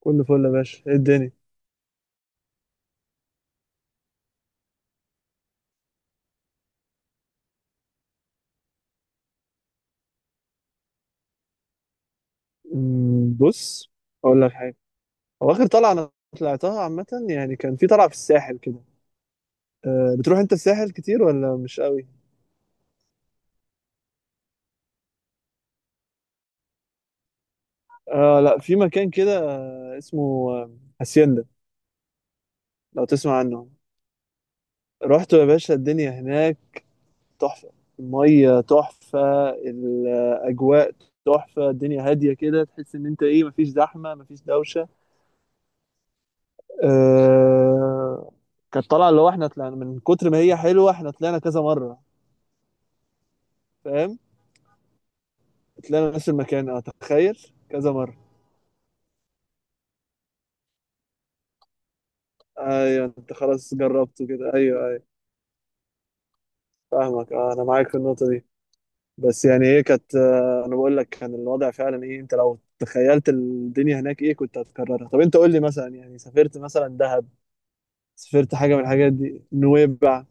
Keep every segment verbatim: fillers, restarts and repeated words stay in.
كله فل يا باشا، ايه الدنيا؟ أمم، بص، اقول لك حاجه. هو اخر طلعه انا طلعتها عامه، يعني كان في طلعه في الساحل كده. أه، بتروح انت الساحل كتير ولا مش قوي؟ أه، لا، في مكان كده، آه، اسمه آه، هاسيندا، لو تسمع عنه. رحت يا باشا، الدنيا هناك تحفه، الميه تحفه، الاجواء تحفه، الدنيا هاديه كده، تحس ان انت ايه، مفيش زحمه مفيش دوشه. أه، كانت طالعه، اللي هو احنا طلعنا من كتر ما هي حلوه احنا طلعنا كذا مره. فاهم؟ تلاقي نفس المكان، اه، تخيل كذا مرة. ايوه، انت خلاص جربته كده، ايوه ايوه. فاهمك، اه، انا معاك في النقطة دي. بس يعني ايه، كانت آه، انا بقول لك كان الوضع فعلا ايه، انت لو تخيلت الدنيا هناك ايه كنت هتكررها. طب انت قول لي مثلا، يعني سافرت مثلا دهب، سافرت حاجة من الحاجات دي، نويبع؟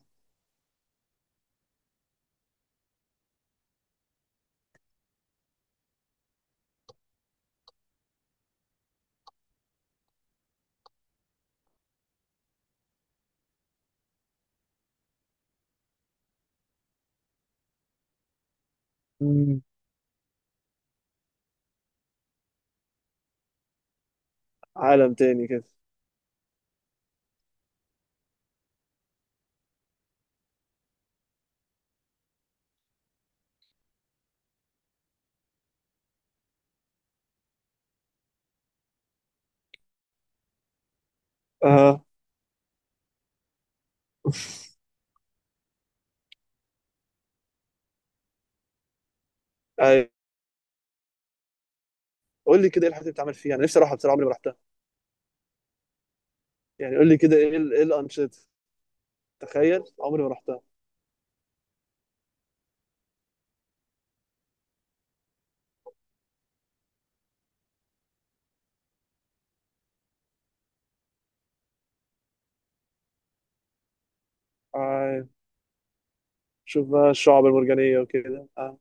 مم، عالم تاني كده. اه، ايوه. قول لي كده ايه الحاجات اللي بتعمل فيها، انا نفسي اروحها بصراحة، عمري ما رحتها. يعني قول لي كده ايه ال- ايه الانشطة. تخيل، عمري ما رحتها. آه. شوف بقى الشعب المرجانية وكده، آه.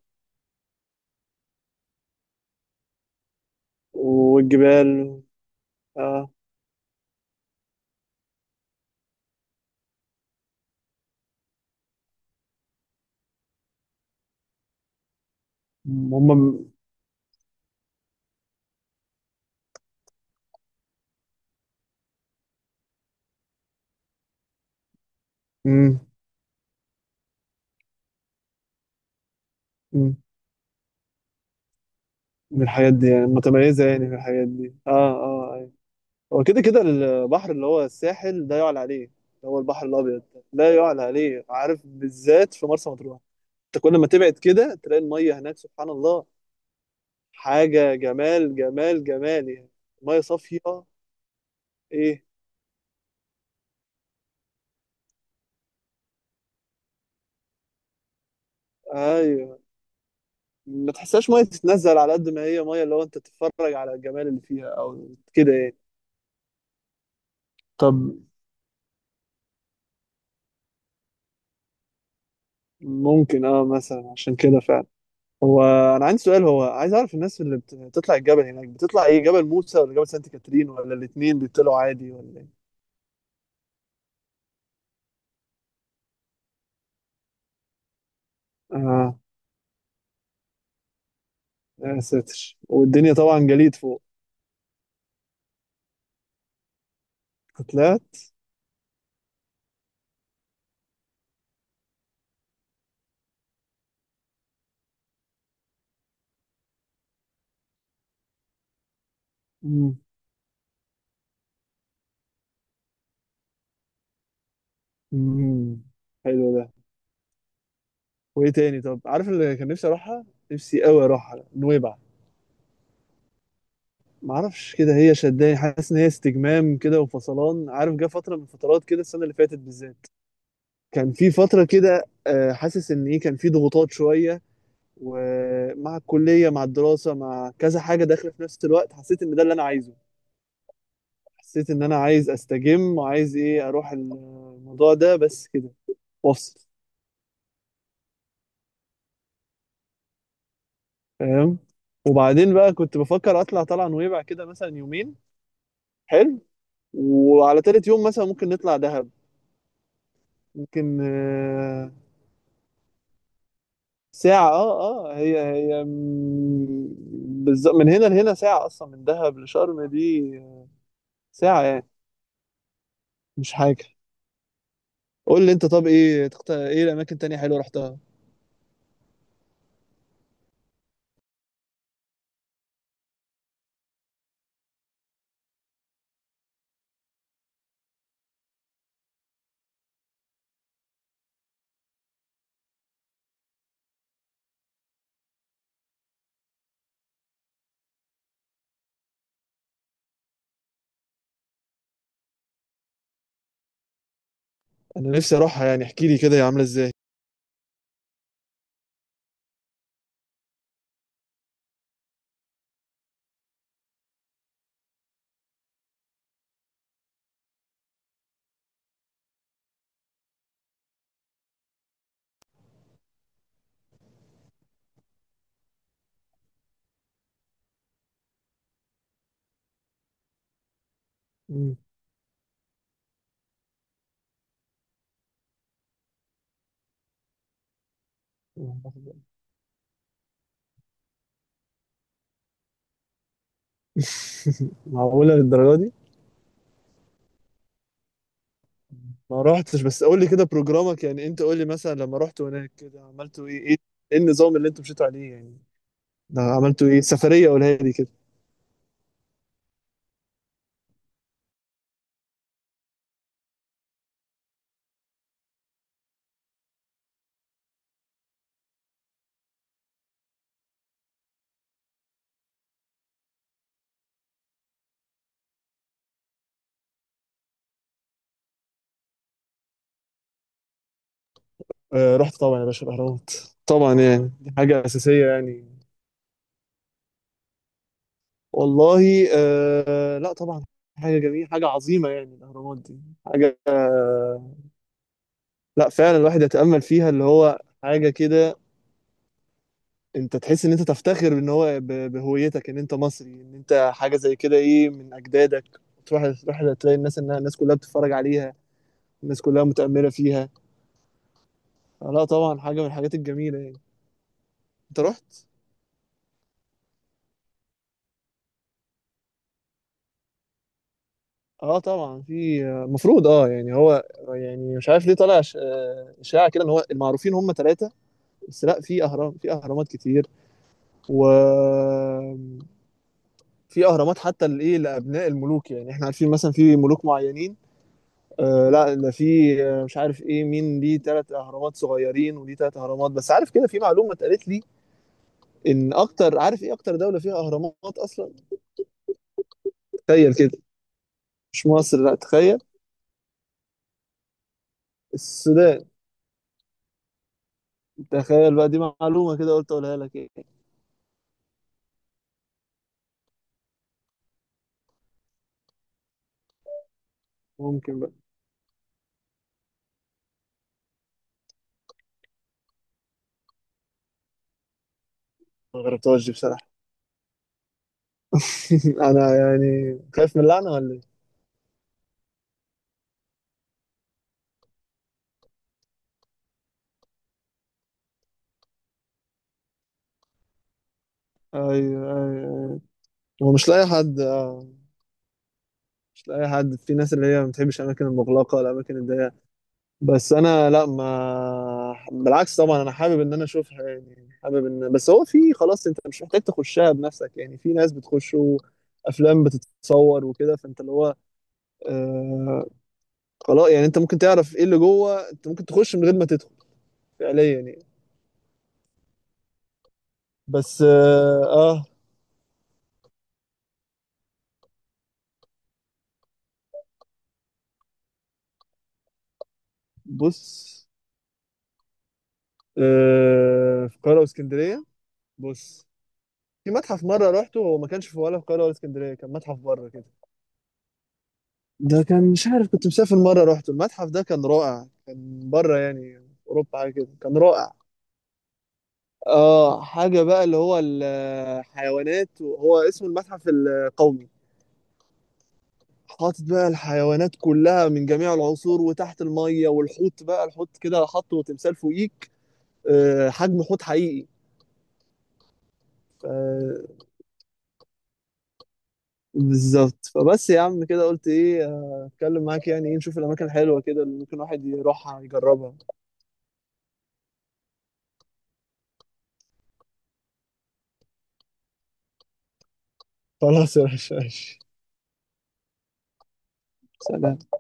والجبال. اه. هم. امم. امم. من الحاجات دي يعني متميزة، يعني في الحاجات دي، اه اه ايوه. هو كده كده البحر، اللي هو الساحل ده يعلى عليه، اللي هو البحر الأبيض ده لا يعلى عليه، عارف؟ بالذات في مرسى مطروح. انت كل ما تبعد كده تلاقي المية هناك، سبحان الله، حاجة، جمال جمال جمال يعني. مية صافية. ايه؟ ايوه، ما تحسهاش مية تتنزل، على قد ما هي مية اللي هو انت تتفرج على الجمال اللي فيها او كده يعني. طب ممكن اه مثلا عشان كده فعلا، هو انا عندي سؤال، هو عايز اعرف الناس اللي بت- بتطلع الجبل هناك بتطلع ايه، جبل موسى ولا جبل سانت كاترين، ولا الاتنين بيطلعوا عادي، ولا ايه؟ اه، يا ساتر، والدنيا طبعا جليد فوق. طلعت؟ مم. مم. حلو ده. وايه تاني؟ طب عارف اللي كان نفسي اروحها؟ نفسي قوي اروحها نويبع. ما اعرفش كده، هي شداني، حاسس ان هي استجمام كده وفصلان، عارف، جه فتره من الفترات كده السنه اللي فاتت بالذات، كان في فتره كده، آه، حاسس ان ايه، كان في ضغوطات شويه، ومع الكلية مع الدراسة مع كذا حاجة داخلة في نفس الوقت، حسيت إن ده اللي أنا عايزه. حسيت إن أنا عايز أستجم، وعايز إيه أروح الموضوع ده بس كده، وأفصل. فاهم؟ وبعدين بقى كنت بفكر أطلع طلعة نويبع كده، مثلا يومين. حلو. وعلى تالت يوم مثلا ممكن نطلع دهب. ممكن، آه، ساعة، اه اه، هي هي بالظبط، من هنا لهنا ساعة أصلا، من دهب لشرم دي آه، ساعة يعني، مش حاجة. قول لي انت، طب ايه تقت... ايه الاماكن تانية حلوه رحتها؟ انا نفسي اروحها، يعني احكي لي كده هي عامله ازاي. مم. معقوله للدرجه دي؟ ما روحتش، بس قول لي كده بروجرامك، يعني انت قول لي مثلا لما رحت هناك كده عملتوا ايه ايه، ايه النظام اللي انتوا مشيتوا عليه يعني؟ ده عملتوا ايه سفريه، قولها لي كده. آه رحت طبعا يا باشا الاهرامات، طبعا، يعني دي حاجه اساسيه يعني. والله، آه، لا طبعا، حاجه جميله، حاجه عظيمه، يعني الاهرامات دي حاجه، آه، لا فعلا، الواحد يتامل فيها اللي هو حاجه كده، انت تحس ان انت تفتخر ان هو ب- بهويتك، ان انت مصري، ان انت حاجه زي كده ايه، من اجدادك. تروح تروح تلاقي الناس انها، الناس كلها بتتفرج عليها، الناس كلها متأملة فيها. آه، لا طبعا، حاجه من الحاجات الجميله يعني. انت رحت؟ اه طبعا، في المفروض، اه يعني، هو يعني مش عارف ليه طالع ش- آه، اشاعه كده ان هو المعروفين هم ثلاثه، بس لا، في اهرام، في اهرامات كتير، و في اهرامات حتى لايه، لابناء الملوك، يعني احنا عارفين مثلا في ملوك معينين. آه لا ده في آه، مش عارف ايه، مين ليه ثلاث اهرامات صغيرين، وليه ثلاث اهرامات بس؟ عارف كده، في معلومه اتقالت لي، ان اكتر، عارف ايه اكتر دوله فيها اهرامات اصلا؟ تخيل كده، مش مصر، لا تخيل. السودان. تخيل بقى، دي معلومه كده قلت اقولها لك ايه. ممكن بقى. ما جربتهاش دي بصراحه. انا يعني خايف من اللعنه ولا ايه؟ ايوه ايوه ايوه. هو مش لاقي حد آه، مش لاقي حد، في ناس اللي هي ما بتحبش الاماكن المغلقه، الاماكن الضيقه. بس انا لا، ما بالعكس، طبعا انا حابب ان انا اشوفها، يعني حابب ان، بس هو في خلاص، انت مش محتاج تخشها بنفسك، يعني في ناس بتخش افلام بتتصور وكده، فانت اللي هو آه، خلاص يعني انت ممكن تعرف ايه اللي جوه، انت ممكن تخش من غير ما تدخل فعليا يعني. بس اه, آه. بص، آه، في القاهره واسكندريه. بص، في متحف مره رحته، هو ما كانش في، ولا في القاهره ولا اسكندريه، كان متحف بره كده. ده كان مش عارف، كنت مسافر مرة رحت المتحف ده، كان رائع، كان بره يعني، في أوروبا حاجة كده، كان رائع. اه حاجة بقى، اللي هو الحيوانات، هو اسمه المتحف القومي. حاطط بقى الحيوانات كلها من جميع العصور، وتحت المية، والحوت بقى، الحوت كده حاطه تمثال فوقيك، آه، حجم حوت حقيقي. ف- بالظبط، فبس يا عم كده قلت ايه آه، اتكلم معاك، يعني ايه، نشوف الاماكن الحلوة كده اللي ممكن واحد يروحها يجربها. خلاص يا باشا ماشي. سلام